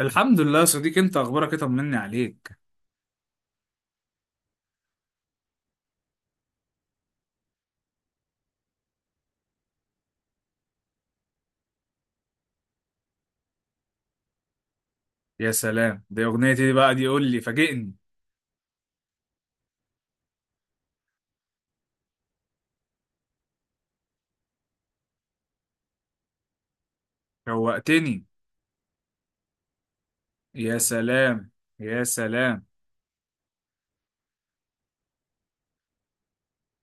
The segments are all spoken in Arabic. الحمد لله يا صديقي، انت اخبارك ايه؟ طمني عليك. يا سلام، دي اغنيتي دي بقى، دي قول لي، فاجئني. شوقتني. يا سلام، يا سلام.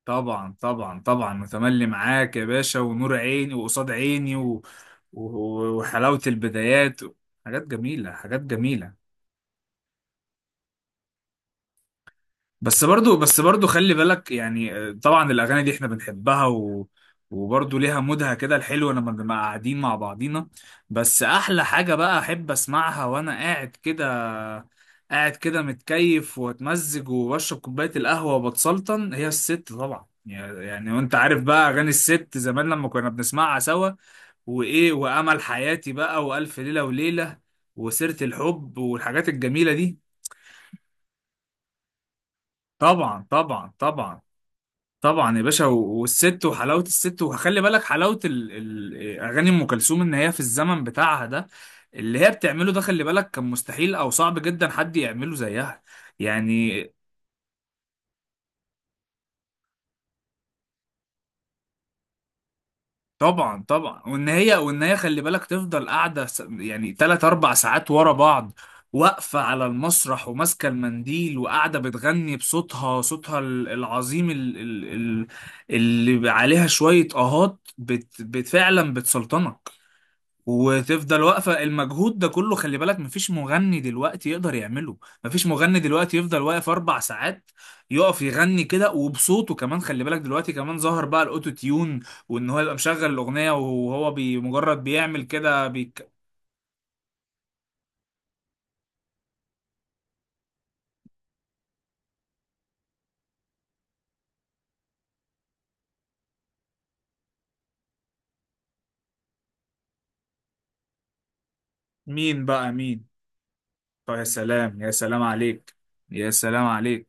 طبعا، طبعا، طبعا، متملي معاك يا باشا ونور عيني وقصاد عيني و... و... وحلاوة البدايات. حاجات جميلة، حاجات جميلة. بس برضو خلي بالك، يعني طبعا الاغاني دي احنا بنحبها، و وبرضه ليها مودها كده الحلو لما بنبقى قاعدين مع بعضينا. بس احلى حاجة بقى احب اسمعها وانا قاعد كده، قاعد كده متكيف واتمزج وبشرب كوباية القهوة وبتسلطن هي الست، طبعا يعني وانت عارف بقى اغاني الست زمان لما كنا بنسمعها سوا، وايه، وامل حياتي بقى، والف ليلة وليلة، وسيرة الحب والحاجات الجميلة دي. طبعا، طبعا، طبعا. طبعا يا باشا، و- والست وحلاوه الست، وخلي بالك حلاوه اغاني ام كلثوم، ان هي في الزمن بتاعها ده اللي هي بتعمله ده خلي بالك كان مستحيل او صعب جدا حد يعمله زيها يعني. طبعا، طبعا، وان هي خلي بالك تفضل قاعده يعني 3 4 ساعات ورا بعض، واقفه على المسرح وماسكه المنديل وقاعده بتغني بصوتها، العظيم، اللي عليها شويه اهات فعلا بتسلطنك. وتفضل واقفة المجهود ده كله، خلي بالك مفيش مغني دلوقتي يقدر يعمله. مفيش مغني دلوقتي يفضل واقف 4 ساعات يقف يغني كده وبصوته كمان. خلي بالك دلوقتي كمان ظهر بقى الأوتو تيون، وإن هو يبقى مشغل الأغنية وهو مجرد بيعمل كده بيك... مين بقى؟ مين؟ طب يا سلام، يا سلام عليك. يا سلام عليك.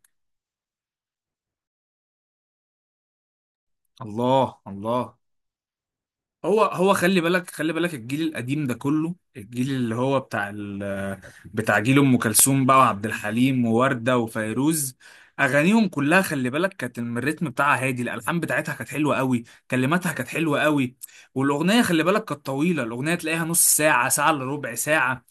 الله، الله. هو هو، خلي بالك، خلي بالك، الجيل القديم ده كله، الجيل اللي هو بتاع بتاع جيل ام كلثوم بقى وعبد الحليم ووردة وفيروز، اغانيهم كلها خلي بالك كانت الريتم بتاعها هادي، الالحان بتاعتها كانت حلوه قوي، كلماتها كانت حلوه قوي. والاغنيه خلي بالك كانت طويله، الاغنيه تلاقيها نص ساعه، ساعه الا ربع ساعه،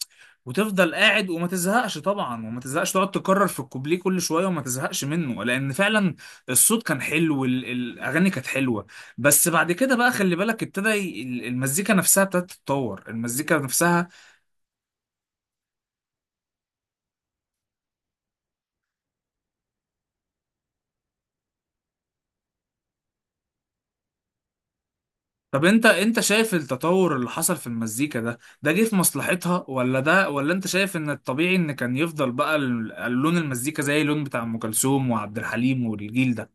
وتفضل قاعد وما تزهقش، طبعا وما تزهقش، تقعد تكرر في الكوبليه كل شويه وما تزهقش منه، لان فعلا الصوت كان حلو الاغاني كانت حلوه. بس بعد كده بقى، خلي بالك، المزيكا نفسها ابتدت تتطور، المزيكا نفسها. طب انت شايف التطور اللي حصل في المزيكا ده، ده جه في مصلحتها، ولا انت شايف ان الطبيعي ان كان يفضل بقى لون المزيكا زي اللون بتاع ام كلثوم وعبد الحليم والجيل ده؟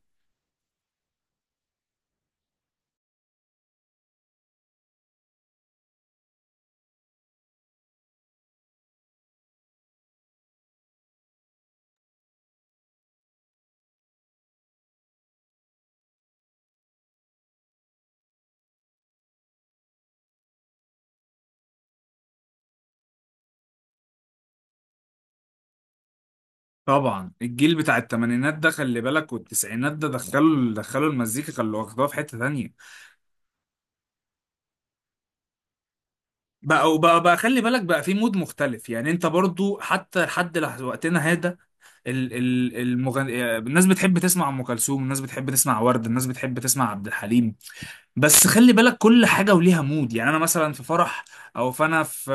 طبعا، الجيل بتاع الثمانينات ده، خلي بالك، والتسعينات ده، دخلوا المزيكا، خلوا واخدوها في حتة تانية. بقى خلي بالك، بقى في مود مختلف، يعني انت برضو حتى لحد وقتنا هذا، الناس بتحب تسمع ام كلثوم، الناس بتحب تسمع ورد، الناس بتحب تسمع عبد الحليم. بس خلي بالك كل حاجة وليها مود، يعني أنا مثلا في فرح، أو فأنا في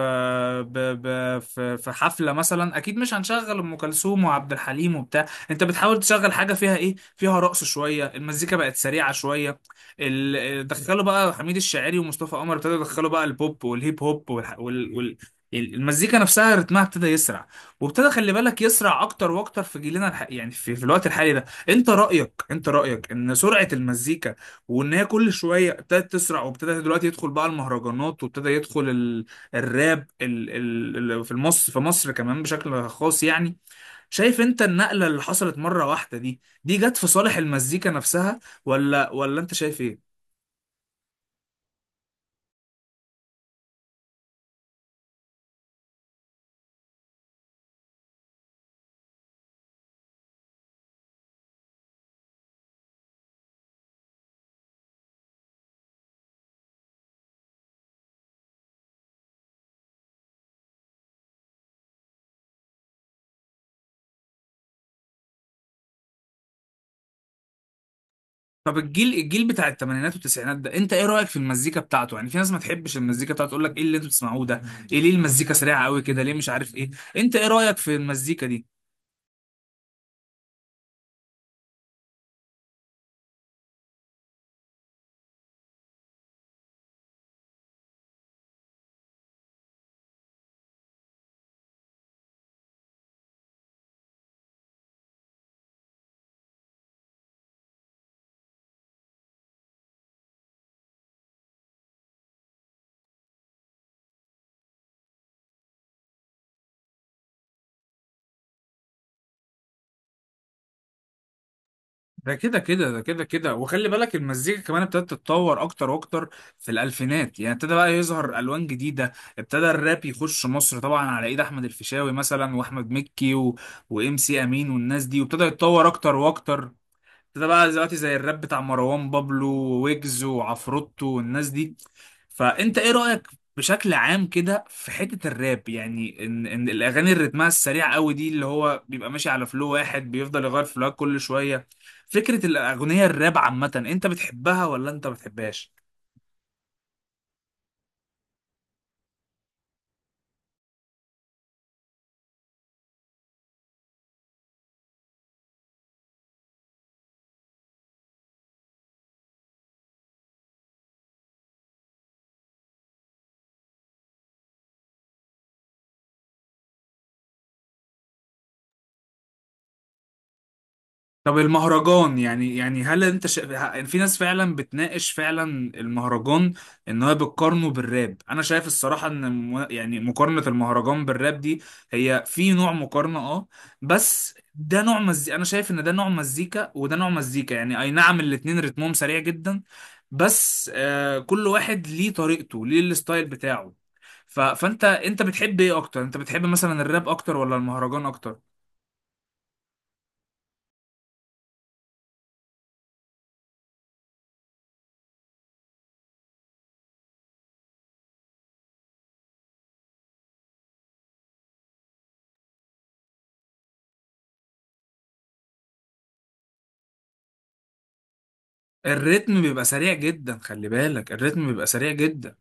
في حفلة مثلا، أكيد مش هنشغل أم كلثوم وعبد الحليم وبتاع، أنت بتحاول تشغل حاجة فيها إيه، فيها رقص شوية، المزيكا بقت سريعة شوية، دخلوا بقى حميد الشاعري ومصطفى قمر، ابتدوا يدخلوا بقى البوب والهيب هوب المزيكا نفسها رتمها ابتدى يسرع، وابتدى خلي بالك يسرع اكتر واكتر في جيلنا يعني في الوقت الحالي ده، انت رأيك ان سرعة المزيكا وان هي كل شويه ابتدت تسرع، وابتدى دلوقتي يدخل بقى المهرجانات، وابتدى يدخل الراب في مصر، في مصر كمان بشكل خاص يعني. شايف انت النقله اللي حصلت مره واحده دي، جت في صالح المزيكا نفسها، ولا انت شايف ايه؟ طب الجيل بتاع الثمانينات والتسعينات ده، انت ايه رايك في المزيكا بتاعته؟ يعني في ناس ما تحبش المزيكا بتاعته تقول لك ايه اللي انتوا بتسمعوه ده، ايه، ليه المزيكا سريعه قوي كده، ليه، مش عارف ايه، انت ايه رايك في المزيكا دي؟ ده كده كده، ده كده كده، وخلي بالك المزيكا كمان ابتدت تتطور اكتر واكتر في الالفينات، يعني ابتدى بقى يظهر الوان جديده، ابتدى الراب يخش مصر طبعا على ايد احمد الفيشاوي مثلا واحمد مكي و... وام سي امين والناس دي، وابتدى يتطور اكتر واكتر. ده بقى دلوقتي زي الراب بتاع مروان بابلو، ويجز، وعفروتو، والناس دي، فانت ايه رأيك بشكل عام كده في حتة الراب؟ يعني ان الاغاني اللي رتمها السريع قوي دي، اللي هو بيبقى ماشي على فلو واحد بيفضل يغير فلوهات كل شوية، فكرة الاغنية الراب عامة، انت بتحبها ولا انت ما بتحبهاش؟ طب المهرجان، يعني هل انت في ناس فعلا بتناقش فعلا المهرجان، ان هو بتقارنه بالراب، انا شايف الصراحه ان يعني مقارنه المهرجان بالراب دي، هي في نوع مقارنه، اه، بس ده نوع مزيكا، انا شايف ان ده نوع مزيكا وده نوع مزيكا، يعني اي نعم الاتنين رتمهم سريع جدا، بس كل واحد ليه طريقته، ليه الستايل بتاعه. ف... فانت، بتحب ايه اكتر؟ انت بتحب مثلا الراب اكتر ولا المهرجان اكتر؟ الريتم بيبقى سريع جدا، خلي بالك الريتم بيبقى سريع جدا.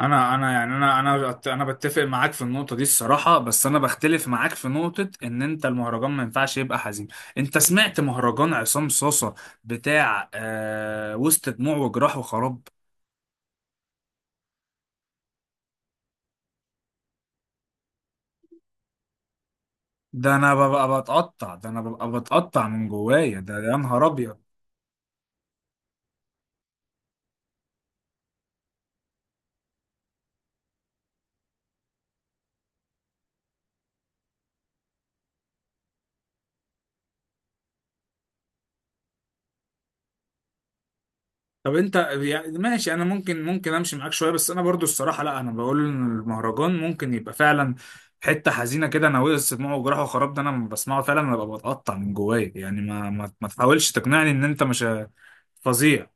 انا يعني انا بتفق معاك في النقطه دي الصراحه، بس انا بختلف معاك في نقطه ان انت المهرجان ما ينفعش يبقى حزين. انت سمعت مهرجان عصام صاصه؟ بتاع وسط دموع وجراح وخراب، ده انا ببقى بتقطع، ده انا ببقى بتقطع من جوايا، ده يا نهار ابيض. طب انت، يعني ماشي، انا ممكن امشي معاك شويه، بس انا برضو الصراحه، لا، انا بقول ان المهرجان ممكن يبقى فعلا حته حزينه كده، انا وقع سمعه وجراحه وخراب، ده انا لما بسمعه فعلا انا ببقى بتقطع من جوايا، يعني ما تحاولش تقنعني ان انت مش فظيع.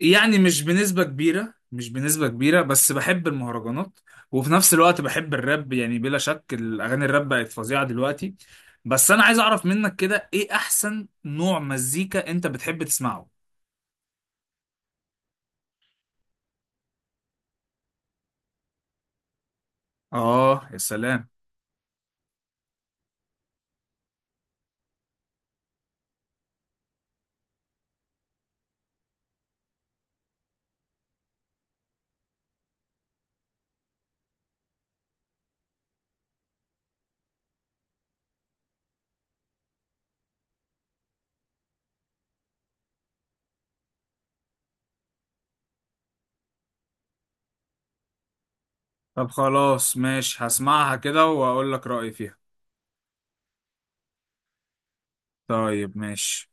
يعني مش بنسبه كبيره، مش بنسبه كبيره، بس بحب المهرجانات، وفي نفس الوقت بحب الراب، يعني بلا شك الاغاني الراب بقت فظيعه دلوقتي. بس انا عايز اعرف منك كده، ايه احسن نوع مزيكا انت بتحب تسمعه؟ اه، يا سلام. طب خلاص ماشي، هسمعها كده واقول لك رأيي فيها. طيب ماشي.